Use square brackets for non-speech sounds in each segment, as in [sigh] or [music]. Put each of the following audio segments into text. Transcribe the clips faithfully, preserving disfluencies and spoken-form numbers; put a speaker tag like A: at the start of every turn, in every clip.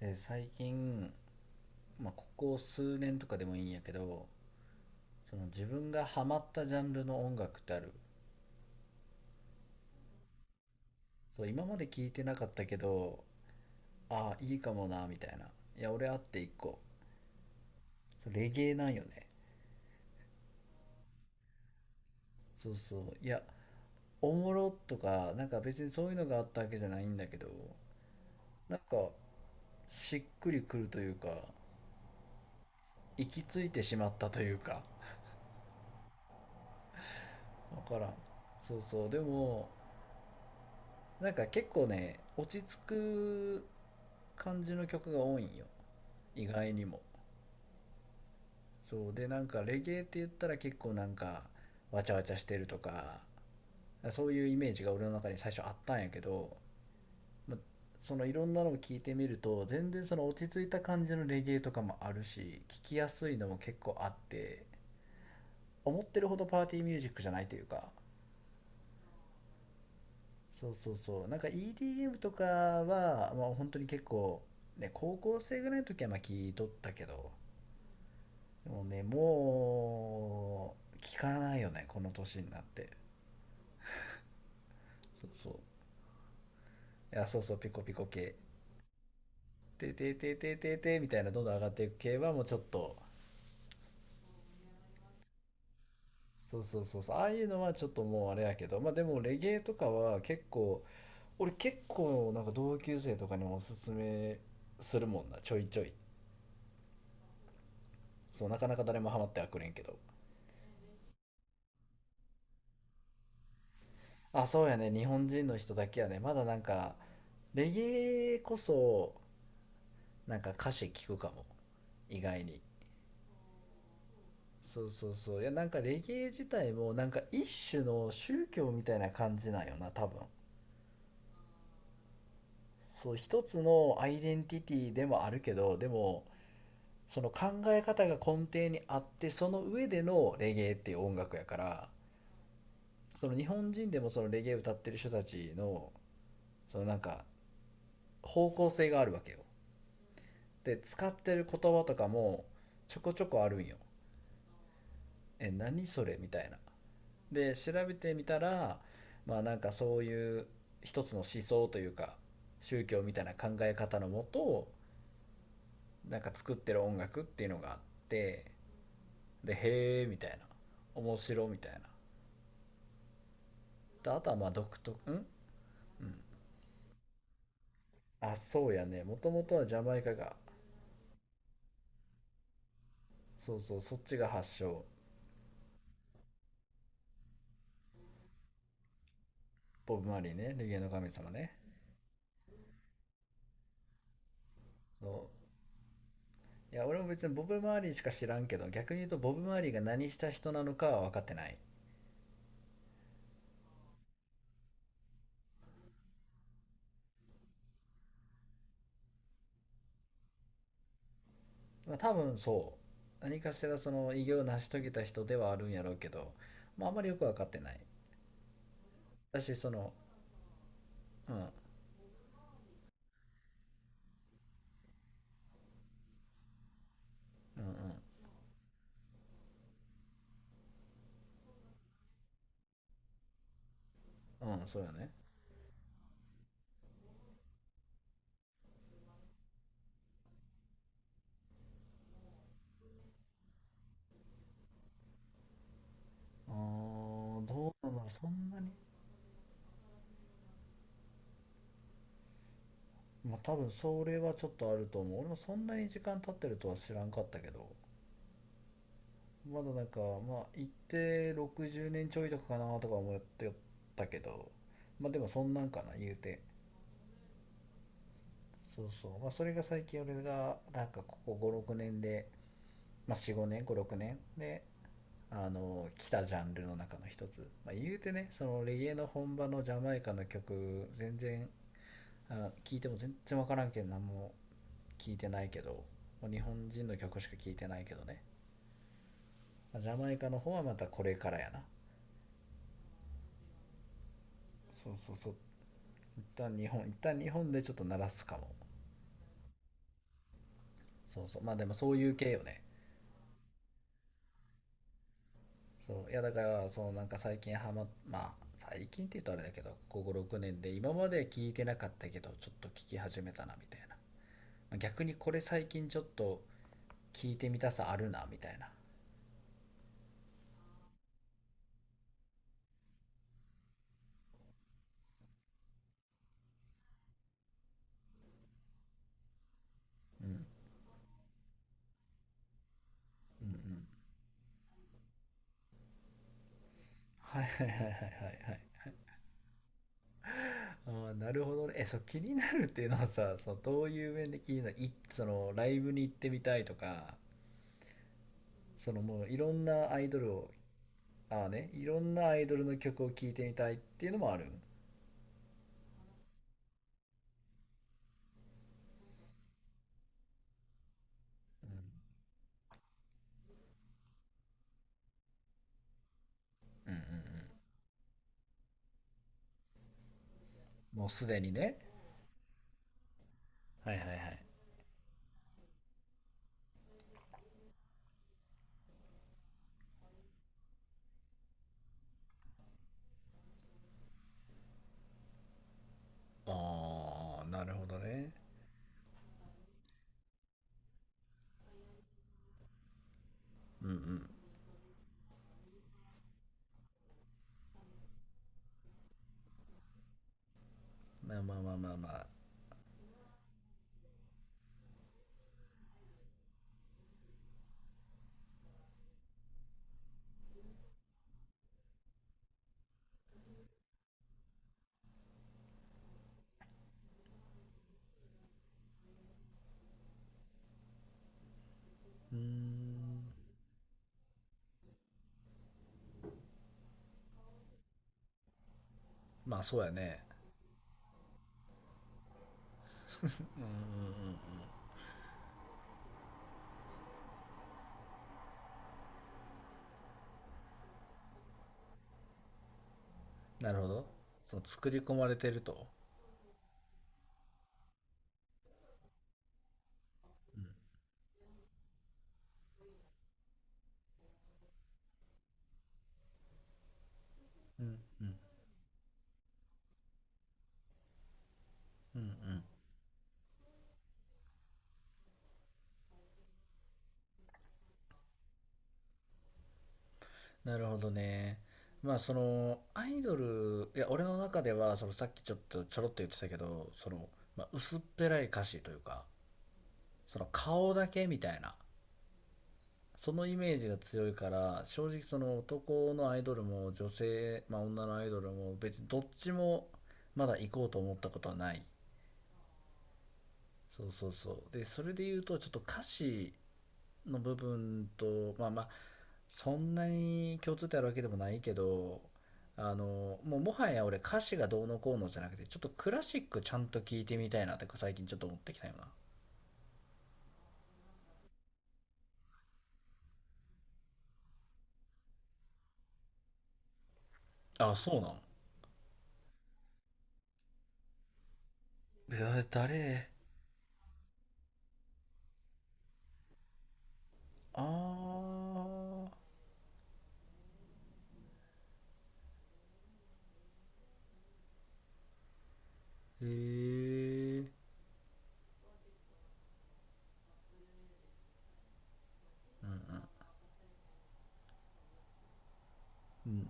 A: で最近、まあ、ここ数年とかでもいいんやけど、その自分がハマったジャンルの音楽ってある？そう、今まで聞いてなかったけど、ああいいかもなみたいな。いや、俺あって一個。そうレゲエなんよね。そうそう、いや、おもろとかなんか別にそういうのがあったわけじゃないんだけど、なんかしっくりくるというか、行き着いてしまったというか、分からん。そうそう、でもなんか結構ね、落ち着く感じの曲が多いんよ、意外にも。そうで、なんかレゲエって言ったら結構なんかわちゃわちゃしてるとか、そういうイメージが俺の中に最初あったんやけど、ま、そのいろんなのを聞いてみると、全然その落ち着いた感じのレゲエとかもあるし、聞きやすいのも結構あって、思ってるほどパーティーミュージックじゃないというか。そうそうそう、なんか イーディーエム とかは、まあ、本当に結構ね、高校生ぐらいの時はまあ聞いとったけど、でもね、もう聞かないよね、この年になって。そうそう、いや、そうそう、ピコピコ系、ててててててみたいな、どんどん上がっていく系はもうちょっと。そうそうそうそう、ああいうのはちょっともうあれやけど、まあでもレゲエとかは結構、俺結構なんか同級生とかにもおすすめするもんな、ちょいちょい。そう、なかなか誰もハマってはくれんけど。あ、そうやね、日本人の人だけやね、まだなんかレゲエこそなんか歌詞聞くかも、意外に。そうそうそう、いや、なんかレゲエ自体もなんか一種の宗教みたいな感じなんよな、多分。そう、一つのアイデンティティでもあるけど、でもその考え方が根底にあって、その上でのレゲエっていう音楽やから、その日本人でもそのレゲエ歌ってる人たちの、そのなんか方向性があるわけよ。で使ってる言葉とかもちょこちょこあるんよ。え、何それみたいな。で調べてみたら、まあなんかそういう一つの思想というか、宗教みたいな考え方のもとなんか作ってる音楽っていうのがあって、でへえみたいな、面白みたいな。であとはまあ独特ん。うん、あ、そうやね、もともとはジャマイカが。そうそう、そっちが発祥。ボブ・マーリーね、レゲエの神様ね。そういや俺も別にボブ・マーリーしか知らんけど、逆に言うとボブ・マーリーが何した人なのかは分かってない。まあ、多分そう、何かしらその偉業を成し遂げた人ではあるんやろうけど、まあ、あんまりよく分かってない。私その、うんうん、うんうん、そうやね。あー、どうなんだろう、そんなに。まあ多分それはちょっとあると思う。俺もそんなに時間経ってるとは知らんかったけど、まだなんかまあ一定ろくじゅうねんちょいとかかなとか思ってたけど、まあでもそんなんかな、言うて。そうそう、まあそれが最近俺がなんかここごろくねんで、まあよん、よんごねんごろくねんであの来たジャンルの中の一つ。まあ、言うてね、そのレゲエの本場のジャマイカの曲、全然聞いても全然分からんけん、何も聞いてないけど、日本人の曲しか聞いてないけどね。ジャマイカの方はまたこれからやな。そうそうそう、一旦日本一旦日本でちょっと鳴らすかも。そうそう、まあでもそういう系よね。そういや、だからそのなんか最近ハマっ、まあ最近って言うとあれだけど、こころくねんで今まで聞いてなかったけどちょっと聞き始めたなみたいな、逆にこれ最近ちょっと聞いてみたさあるなみたいな。うんうんうん、はいはいはいはいはい、はい。ああ、なるほどね。え、そう、気になるっていうのはさ、 [laughs] そのどういう面で気になる、い、そのライブに行ってみたいとか、そのもういろんなアイドルを。ああね、いろんなアイドルの曲を聴いてみたいっていうのもある。もうすでにね。はいはいはい。ああ、なるほどね。うんうん。まあまあまあまあまあ。うーん、まあそうやね。うんうんうんうん。なるほど。そう、作り込まれてると。うんうんうんうんうん。なるほどね。まあそのアイドル、いや俺の中では、そのさっきちょっとちょろっと言ってたけど、その、まあ、薄っぺらい歌詞というか、その顔だけみたいな、そのイメージが強いから、正直その男のアイドルも女性、まあ、女のアイドルも別にどっちもまだ行こうと思ったことはない。そうそうそう、でそれで言うとちょっと歌詞の部分と、まあまあそんなに共通点あるわけでもないけど、あのもうもはや俺、歌詞がどうのこうのじゃなくて、ちょっとクラシックちゃんと聞いてみたいなって最近ちょっと思ってきたよ。なあ、そうなの。うわ、誰。あー、へえー、うんうんうんうん、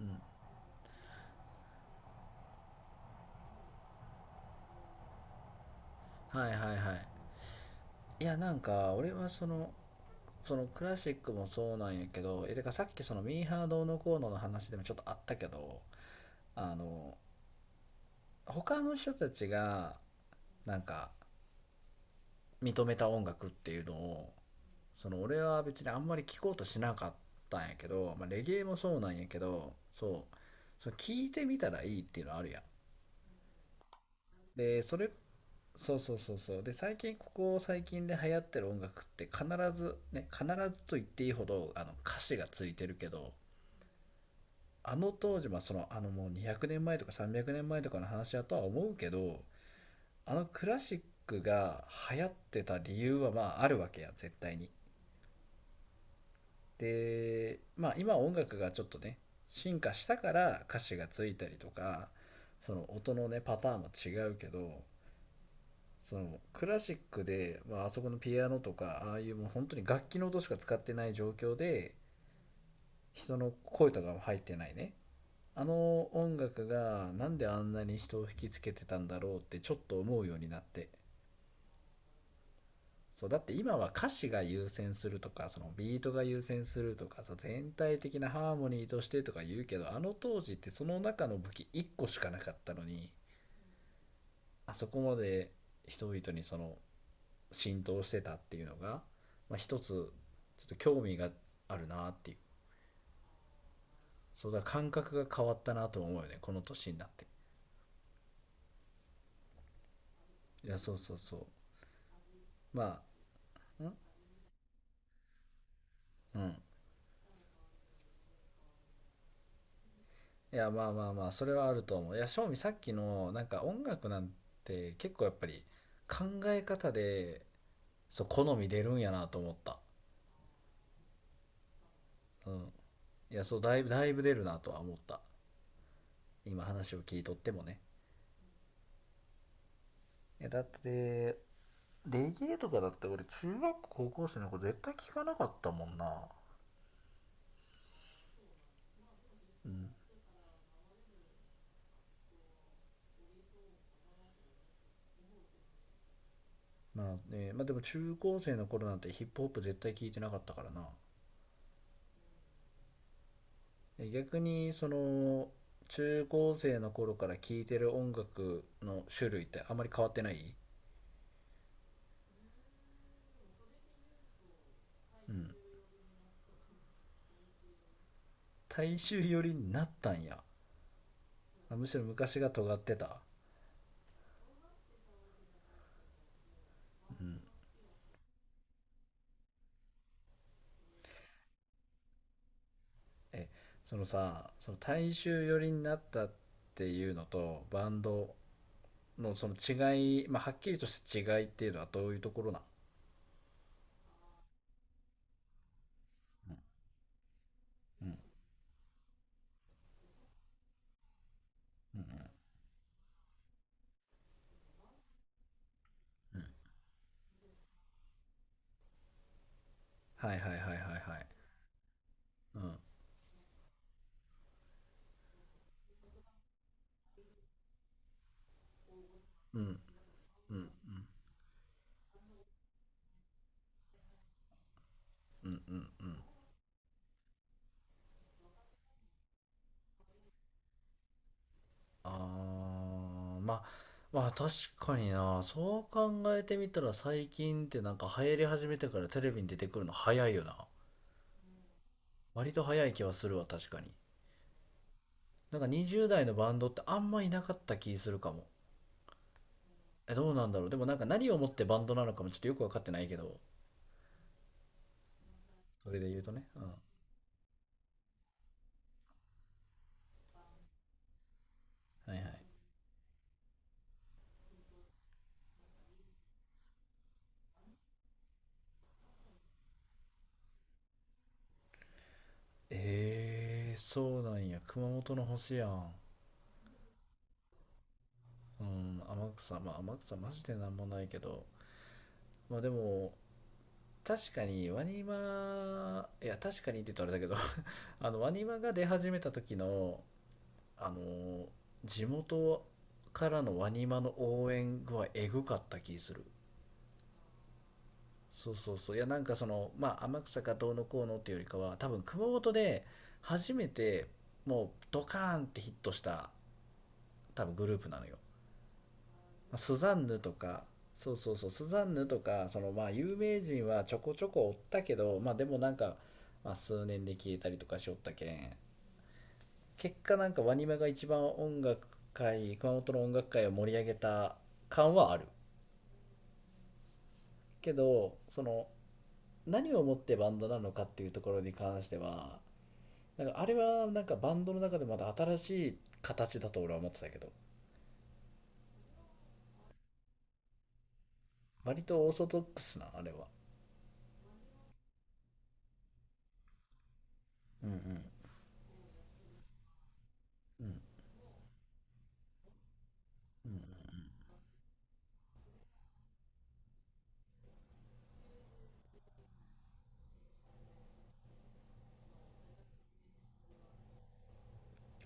A: うんうん、はいはいはい。いや、なんか俺はその、そのクラシックもそうなんやけど、え、てかさっきそのミーハーどうのこうのの話でもちょっとあったけど、あの他の人たちがなんか認めた音楽っていうのを、その俺は別にあんまり聴こうとしなかったんやけど、まあ、レゲエもそうなんやけど、そう、その聞いてみたらいいっていうのあるやん。でそれ、そうそうそうそう、で最近、ここ最近で流行ってる音楽って必ずね、必ずと言っていいほどあの歌詞がついてるけど、あの当時、ま、そのあのもうにひゃくねんまえとかさんびゃくねんまえとかの話やとは思うけど、あのクラシックが流行ってた理由はまああるわけや、絶対に。でまあ今、音楽がちょっとね進化したから歌詞がついたりとか、その音のねパターンも違うけど、そのクラシックで、まあ、あそこのピアノとかああいう、もう本当に楽器の音しか使ってない状況で、人の声とかも入ってないね、あの音楽がなんであんなに人を引きつけてたんだろうってちょっと思うようになって。そうだって、今は歌詞が優先するとか、そのビートが優先するとか、そう全体的なハーモニーとしてとか言うけど、あの当時ってその中の武器いっこしかなかったのに、あそこまで人々にその浸透してたっていうのが、まあ、一つちょっと興味があるなっていう。そう、だ、感覚が変わったなと思うよね、この年になって。いや、そうそうそう、まあんうんいや、まあまあまあそれはあると思う。いや正味、さっきのなんか音楽なんて結構やっぱり考え方で、そう好み出るんやなと思った。うん、いやそう、だいぶだいぶ出るなとは思った、今話を聞いとってもね。え、だってレゲエとかだって俺、中学校高校生の子絶対聞かなかったもんな。うん、まあね、まあでも中高生の頃なんてヒップホップ絶対聞いてなかったからな。え、逆にその中高生の頃から聴いてる音楽の種類ってあまり変わってない？うん、大衆寄りになったんや。あ、むしろ昔が尖ってた？え、そのさ、その大衆寄りになったっていうのとバンドのその違い、まあ、はっきりとした違いっていうのはどういうところなん？うんうんうんうん、はいはいはいはいはい、うんうんうんうんうん。あー、まあまあ確かにな、そう考えてみたら最近ってなんか流行り始めてからテレビに出てくるの早いよな、割と早い気はするわ、確かに。なんかにじゅう代のバンドってあんまいなかった気するかも。え、どうなんだろう、でもなんか何をもってバンドなのかもちょっとよく分かってないけど、それで言うとね、うん、はいはい。えー、そうなんや、熊本の星やん。うん、天草、まあ天草マジでなんもないけど、まあでも確かにワニマ、いや確かにって言うとあれだけど、 [laughs] あのワニマが出始めた時の、あのー、地元からのワニマの応援具合エグかった気する。そうそうそう、いや、なんかそのまあ天草かどうのこうのっていうよりかは、多分熊本で初めてもうドカーンってヒットした、多分グループなのよ。スザンヌとか。そうそうそう、スザンヌとか、そのまあ有名人はちょこちょこおったけど、まあでもなんか、まあ、数年で消えたりとかしおったけん、結果なんかワニマが一番音楽界、熊本の音楽界を盛り上げた感はあるけど、その何をもってバンドなのかっていうところに関しては、なんかあれはなんかバンドの中でまた新しい形だと俺は思ってたけど、割とオーソドックスな、あれは。うんうんうん、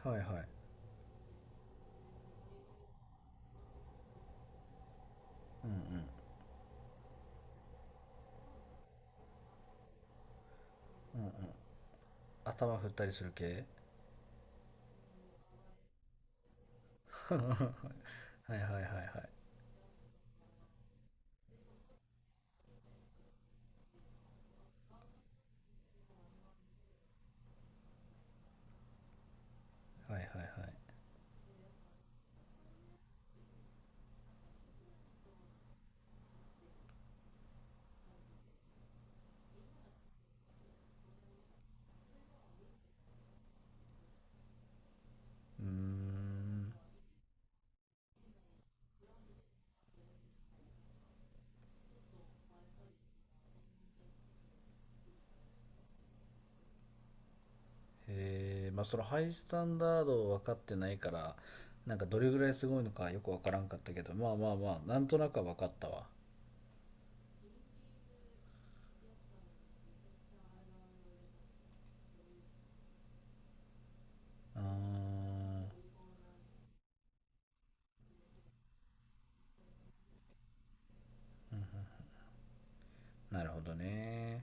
A: はいはい、うんうん、頭振ったりする系、 [laughs] はいはいはいはいはいはいはい、うん。ええ、まあそのハイスタンダードを分かってないから、なんかどれぐらいすごいのかよく分からんかったけど、まあまあまあなんとなくは分かったわ。あー、なるほどね。